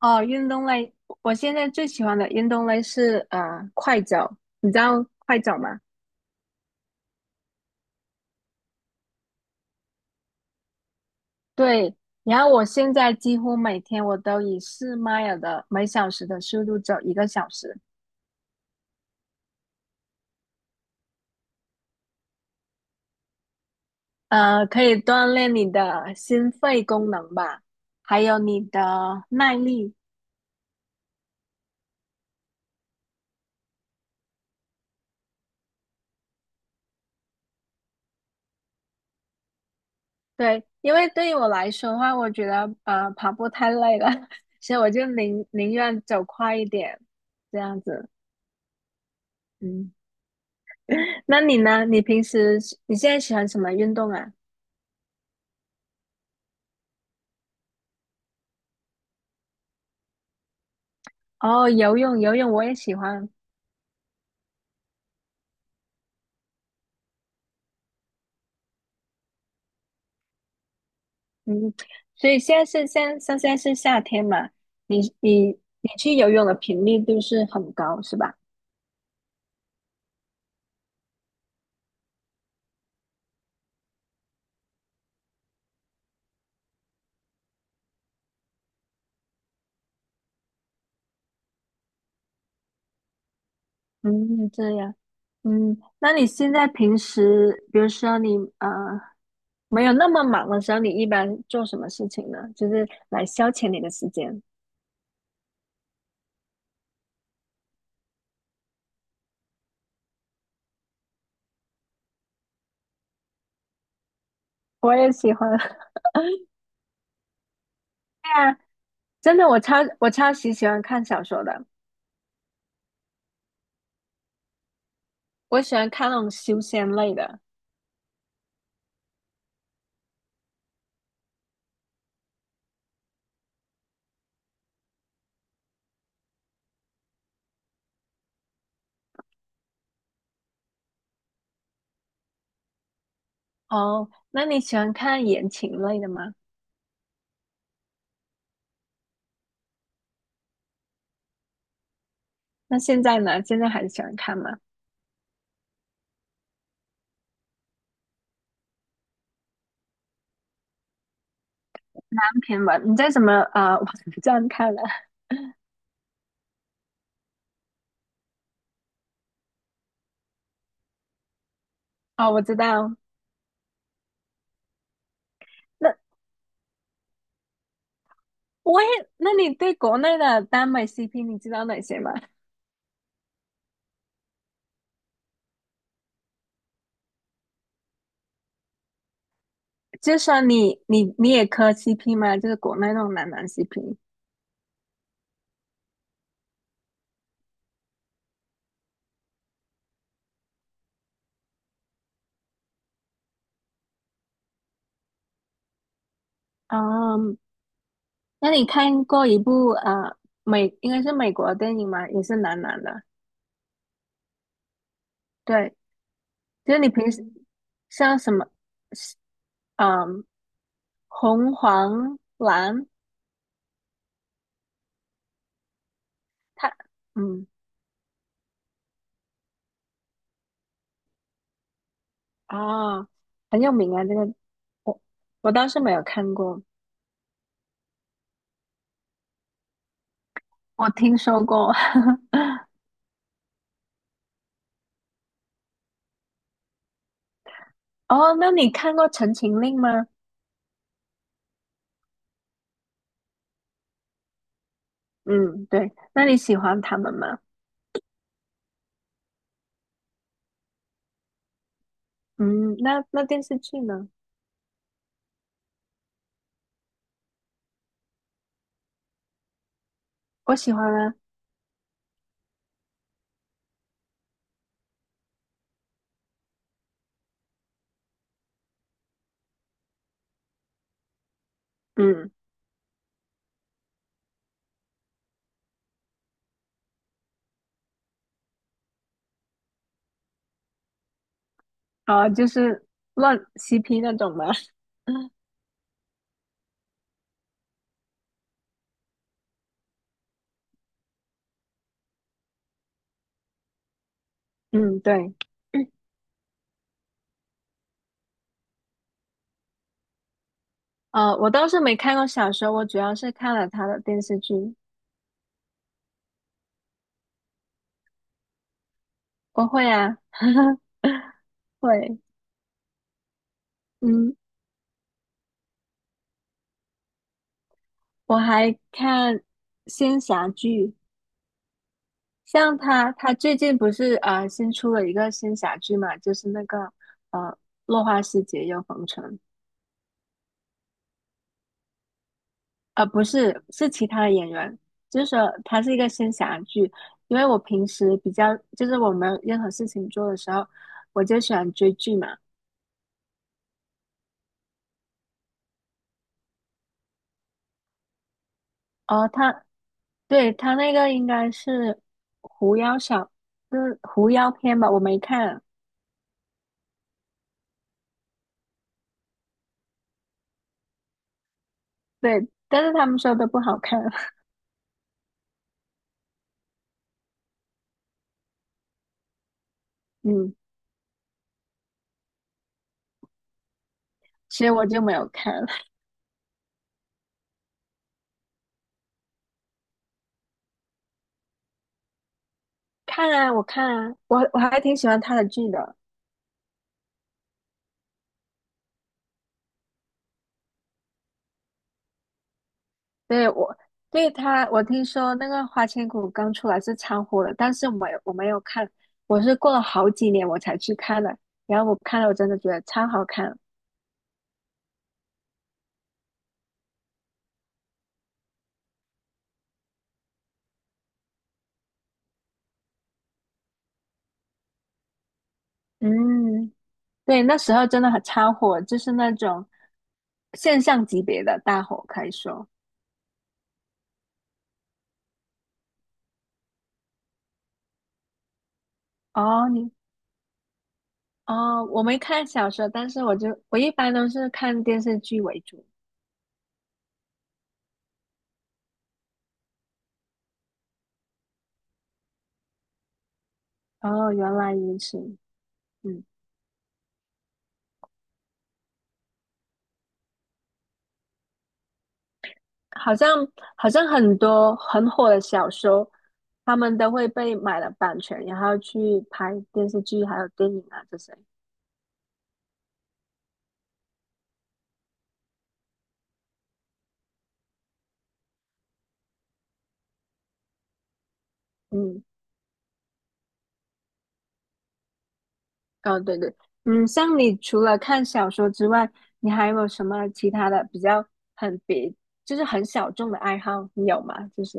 哦，运动类，我现在最喜欢的运动类是快走，你知道快走吗？对，然后我现在几乎每天我都以4迈尔的每小时的速度走1个小时，可以锻炼你的心肺功能吧，还有你的耐力。对，因为对于我来说的话，我觉得跑步太累了，所以我就宁愿走快一点，这样子，嗯。那你呢？你平时你现在喜欢什么运动啊？哦，游泳，游泳我也喜欢。嗯，所以现在是夏天嘛？你你你去游泳的频率都是很高，是吧？嗯，这样。嗯，那你现在平时，比如说你啊，没有那么忙的时候，你一般做什么事情呢？就是来消遣你的时间。我也喜欢。对啊，真的，我超级喜欢看小说的，我喜欢看那种修仙类的。哦，那你喜欢看言情类的吗？那现在呢？现在还喜欢看吗？单篇吧，你在什么网站看的？哦，我知道。那我也，那你对国内的耽美 CP 你知道哪些吗？就算你也磕 CP 吗？就是国内那种男男 CP。嗯，那你看过一部应该是美国的电影吗？也是男男的。对，就是你平时像什么，嗯，红黄蓝。他，嗯，啊，很有名啊，这个我我倒是没有看过，我听说过。哦，那你看过《陈情令》吗？嗯，对，那你喜欢他们吗？嗯，那电视剧呢？我喜欢啊，嗯，啊，就是乱 CP 那种吗？嗯，对，我倒是没看过小说，我主要是看了他的电视剧。我会啊，会，嗯，我还看仙侠剧，像他最近不是新出了一个仙侠剧嘛，就是那个呃《落花时节又逢春》，不是，是其他的演员，就是说他是一个仙侠剧。因为我平时比较就是我没有任何事情做的时候，我就喜欢追剧嘛。哦，对，他那个应该是狐妖小，就是狐妖篇吧，我没看。对，但是他们说都不好看，嗯，所以我就没有看。看啊，我看啊，我还挺喜欢他的剧的。对，我对他，我听说那个《花千骨》刚出来是超火的，但是我没有看，我是过了好几年我才去看的。然后我看了，我真的觉得超好看。嗯，对，那时候真的很超火，就是那种现象级别的大火，可以说。哦，哦，我没看小说，但是我一般都是看电视剧为主。哦，原来如此。嗯。好像好像很多很火的小说，他们都会被买了版权，然后去拍电视剧还有电影啊这些。嗯，哦，对对，嗯，像你除了看小说之外，你还有没有什么其他的比较很别，就是很小众的爱好？你有吗？就是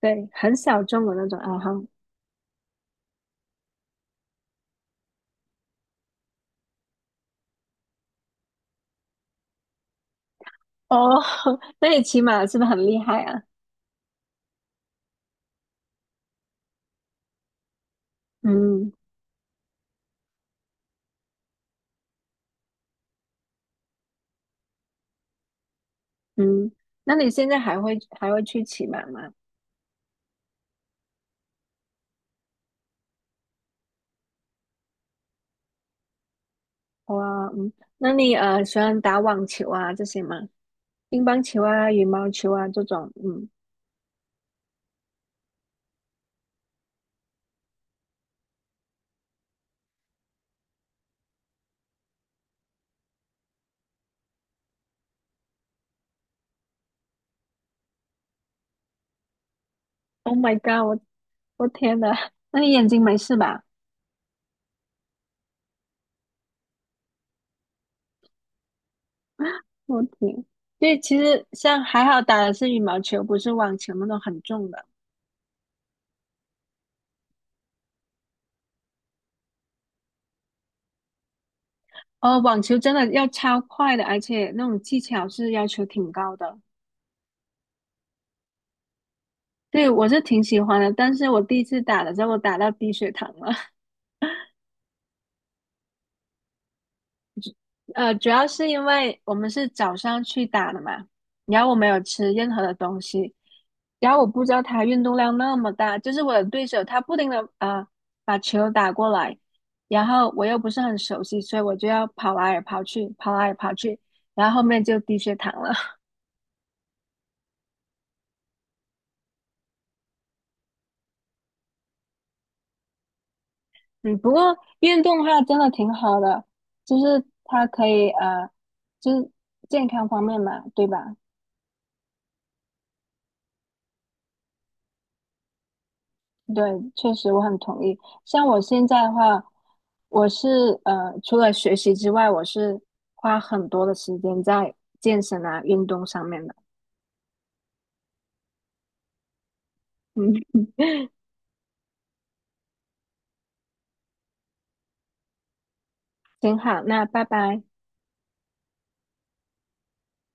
对，很小众的那种爱好。哦，那你骑马是不是很厉害啊？嗯嗯，那你现在还会去骑马吗？哇，嗯，那你喜欢打网球啊这些吗？乒乓球啊、羽毛球啊这种，嗯，Oh my god，我天呐，那你眼睛没事吧？我天，对，其实像还好打的是羽毛球，不是网球那种很重的。哦，网球真的要超快的，而且那种技巧是要求挺高的。对，我是挺喜欢的，但是我第一次打的时候，我打到低血糖了。主要是因为我们是早上去打的嘛，然后我没有吃任何的东西，然后我不知道他运动量那么大，就是我的对手他不停的啊把球打过来，然后我又不是很熟悉，所以我就要跑来跑去，跑来跑去，然后后面就低血糖了。嗯，不过运动的话真的挺好的，就是它可以就是健康方面嘛，对吧？对，确实我很同意。像我现在的话，我是除了学习之外，我是花很多的时间在健身啊、运动上面的。嗯，挺好，那拜拜。